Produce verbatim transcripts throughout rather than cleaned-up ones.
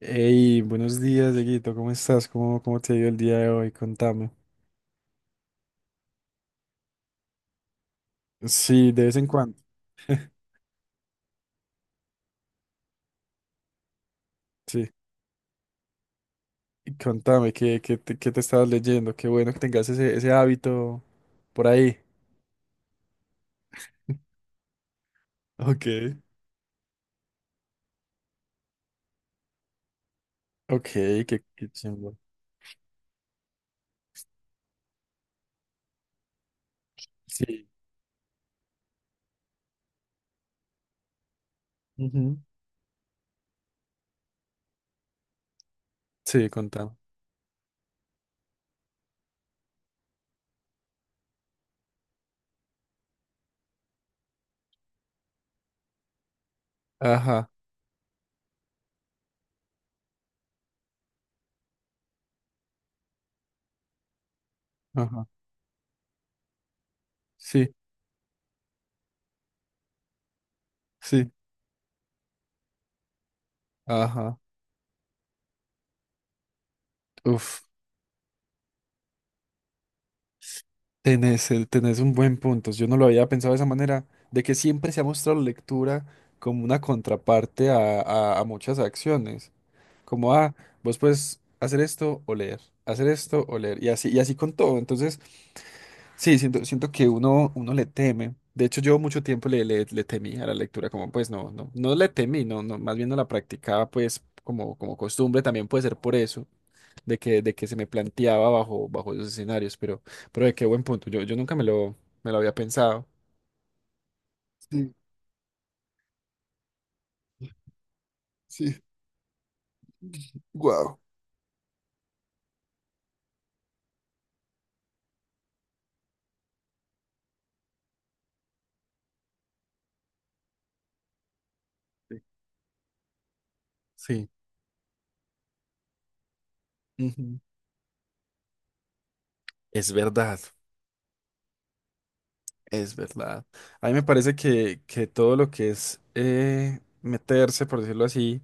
Hey, buenos días, Dieguito, ¿cómo estás? ¿Cómo, cómo te ha ido el día de hoy? Contame. Sí, de vez en cuando. Sí, y contame, ¿qué, qué te, qué te estabas leyendo? Qué bueno que tengas ese, ese hábito por ahí. Ok. Ok, qué, qué chimbo. Sí. Ujú. Sí, contame. Ajá, ajá. Sí, sí, ajá. Uf, tenés, el- tenés un buen punto. Yo no lo había pensado de esa manera, de que siempre se ha mostrado la lectura como una contraparte a, a a muchas acciones. Como, ah, vos puedes hacer esto o leer, hacer esto o leer, y así, y así con todo. Entonces, sí, siento, siento que uno, uno le teme. De hecho, yo mucho tiempo le, le, le temí a la lectura, como pues no, no, no le temí, no, no, más bien no la practicaba pues como, como costumbre, también puede ser por eso, de que, de que se me planteaba bajo, bajo esos escenarios, pero, pero de qué buen punto, yo, yo nunca me lo, me lo había pensado. Sí, sí. Wow. Sí. Ujú. Es verdad. Es verdad. A mí me parece que, que todo lo que es eh, meterse, por decirlo así,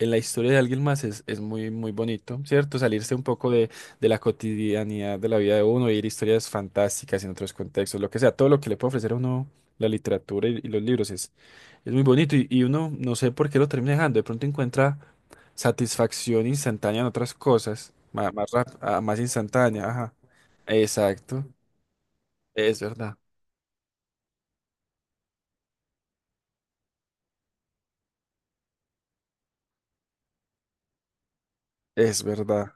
en la historia de alguien más es, es muy, muy bonito, ¿cierto? Salirse un poco de, de la cotidianidad de la vida de uno, ir historias fantásticas en otros contextos, lo que sea, todo lo que le puede ofrecer a uno la literatura y, y los libros es, es muy bonito y, y uno no sé por qué lo termina dejando, de pronto encuentra satisfacción instantánea en otras cosas, más, más, rap- ah, más instantánea, ajá. Exacto, es verdad, es verdad.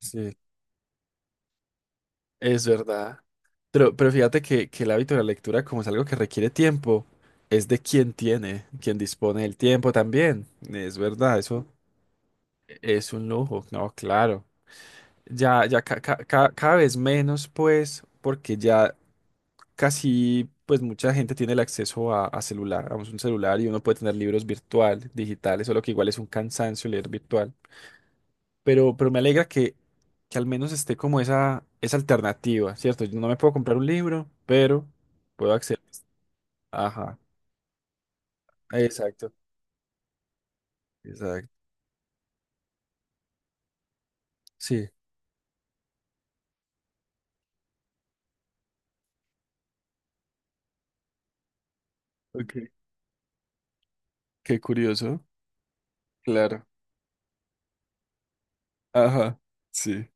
Sí. Es verdad. Pero, pero fíjate que, que el hábito de la lectura, como es algo que requiere tiempo, es de quien tiene, quien dispone del tiempo también. Es verdad, eso es un lujo. No, claro. Ya, ya ca- ca- ca- cada vez menos, pues, porque ya casi, pues, mucha gente tiene el acceso a, a celular, a un celular y uno puede tener libros virtual, digitales, solo que igual es un cansancio leer virtual pero, pero me alegra que, que al menos esté como esa, esa alternativa, ¿cierto? Yo no me puedo comprar un libro, pero puedo acceder. Ajá, exacto, exacto. Sí, ok. Qué curioso. Claro. Ajá, sí.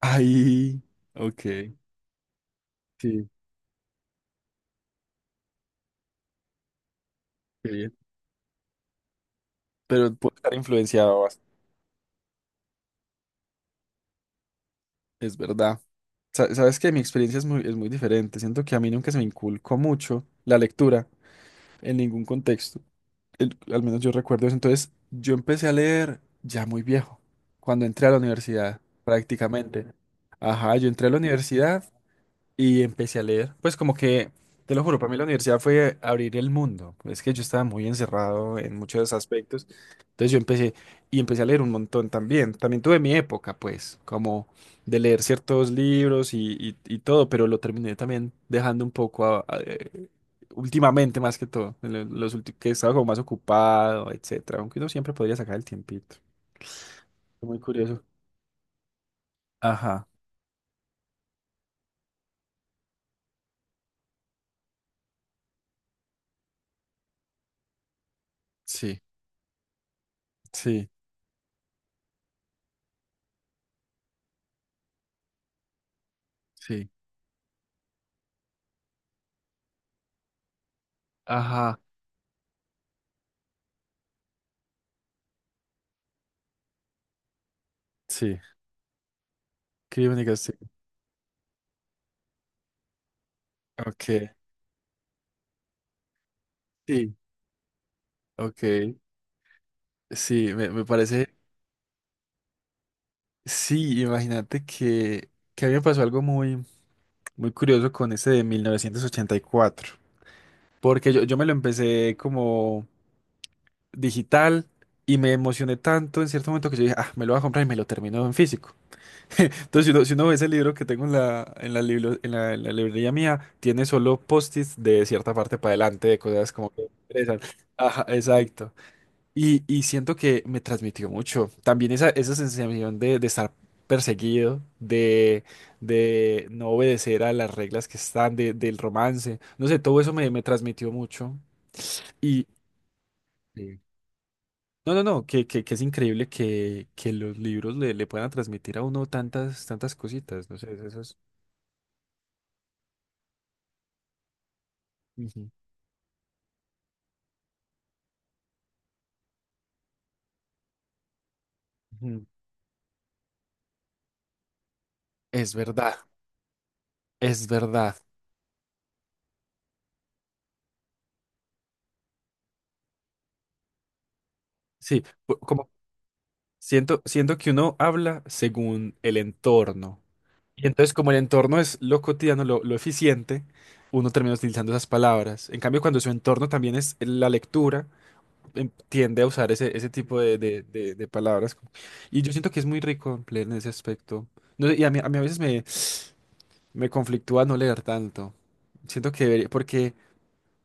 Ahí, ok, sí, qué bien. Pero puedo estar influenciado, bas- es verdad. Sa- Sabes que mi experiencia es muy, es muy diferente. Siento que a mí nunca se me inculcó mucho la lectura en ningún contexto. El- al menos yo recuerdo eso. Entonces, yo empecé a leer ya muy viejo, cuando entré a la universidad, prácticamente. Ajá, yo entré a la universidad y empecé a leer, pues como que, te lo juro, para mí la universidad fue abrir el mundo. Es que yo estaba muy encerrado en muchos aspectos. Entonces yo empecé y empecé a leer un montón también. También tuve mi época, pues, como de leer ciertos libros y, y- y todo, pero lo terminé también dejando un poco a- a- eh, últimamente más que todo, en lo- los últimos, que estaba como más ocupado, etcétera. Aunque uno siempre podría sacar el tiempito. Muy curioso. Ajá, sí, sí, sí. Ajá, sí. Crímenes. Ok. Sí. Ok. Sí, me, me parece. Sí, imagínate que, que a mí me pasó algo muy, muy curioso con ese de mil novecientos ochenta y cuatro. Porque yo, yo me lo empecé como digital y me emocioné tanto en cierto momento que yo dije, ah, me lo voy a comprar y me lo termino en físico. Entonces, si uno, si uno ve ese libro que tengo en la, en la, libro- en la, en la librería mía, tiene solo post-its de cierta parte para adelante, de cosas como que interesan. Ajá, exacto. Y, y siento que me transmitió mucho. También esa, esa sensación de, de estar perseguido, de, de no obedecer a las reglas que están, de- del romance. No sé, todo eso me, me transmitió mucho. Y sí, no, no, no, que, que, que es increíble que, que los libros le, le puedan transmitir a uno tantas, tantas cositas. No sé, eso es. Ujú, ujú. Es verdad, es verdad. Sí, pu- como siento, siento que uno habla según el entorno. Y entonces, como el entorno es lo cotidiano, lo, lo eficiente, uno termina utilizando esas palabras. En cambio, cuando su entorno también es la lectura, em- tiende a usar ese, ese tipo de, de- de- de palabras. Y yo siento que es muy rico leer en ese aspecto. No sé, y a mí, a mí a veces me, me conflictúa no leer tanto. Siento que debería- porque,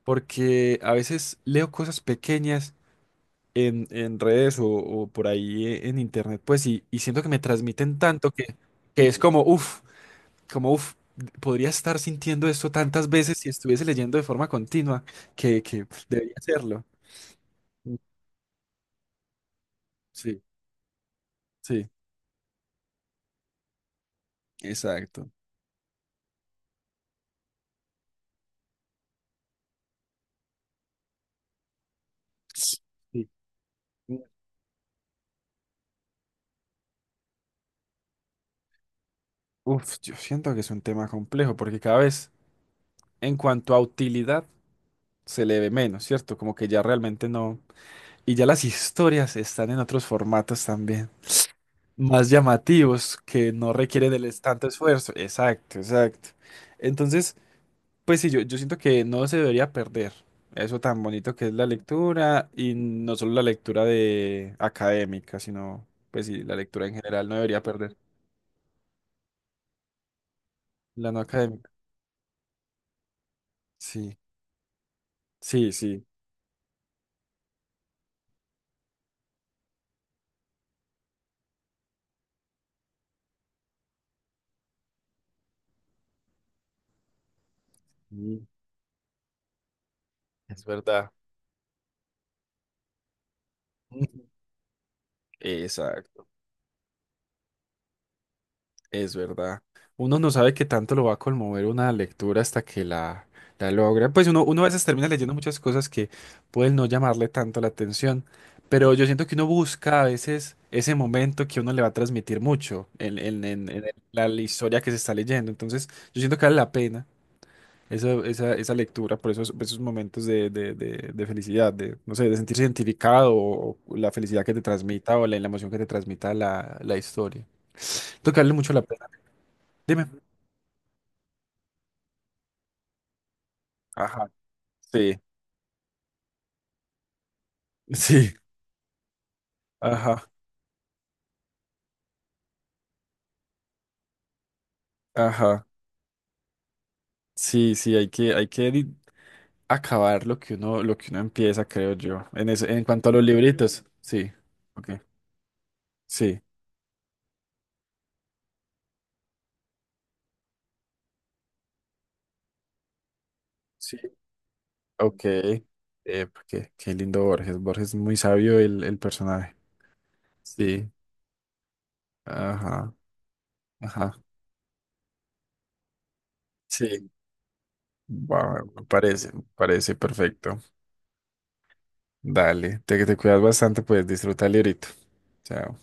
porque a veces leo cosas pequeñas en, en redes o, o por ahí en internet, pues, y, y siento que me transmiten tanto que, que es como, uff, como, uff, podría estar sintiendo esto tantas veces si estuviese leyendo de forma continua, que, que debería hacerlo. Mm. Sí, sí, exacto. Sí. Uf, yo siento que es un tema complejo porque cada vez en cuanto a utilidad se le ve menos, ¿cierto? Como que ya realmente no. Y ya las historias están en otros formatos también, más llamativos, que no requieren el es- tanto esfuerzo. Exacto, exacto. Entonces, pues sí, yo, yo siento que no se debería perder eso tan bonito que es la lectura y no solo la lectura de académica, sino pues sí, la lectura en general no debería perder. La no académica. Sí, sí, sí. Mm. Es verdad. Ujú. Exacto. Es verdad. Uno no sabe qué tanto lo va a conmover una lectura hasta que la, la logra. Pues uno, uno a veces termina leyendo muchas cosas que pueden no llamarle tanto la atención, pero yo siento que uno busca a veces ese momento que uno le va a transmitir mucho en, en- en- en el- la, historia que se está leyendo. Entonces, yo siento que vale la pena esa, esa, esa lectura por esos, esos momentos de, de- de- de felicidad, de, no sé, de sentirse identificado o, o la felicidad que te transmita o la, la emoción que te transmita la, la historia. Tocarle mucho la pena. Dime. Ajá, sí, sí, ajá, ajá. Sí, sí, hay que, hay que di- acabar lo que uno, lo que uno empieza, creo yo. En eso, en cuanto a los libritos, sí, ok, sí, sí, ok. Eh, qué qué lindo Borges. Borges es muy sabio el, el personaje. Sí, ajá, ajá. Sí, va, me parece, me parece perfecto. Dale, te, te cuidas bastante, pues disfruta el librito. Chao.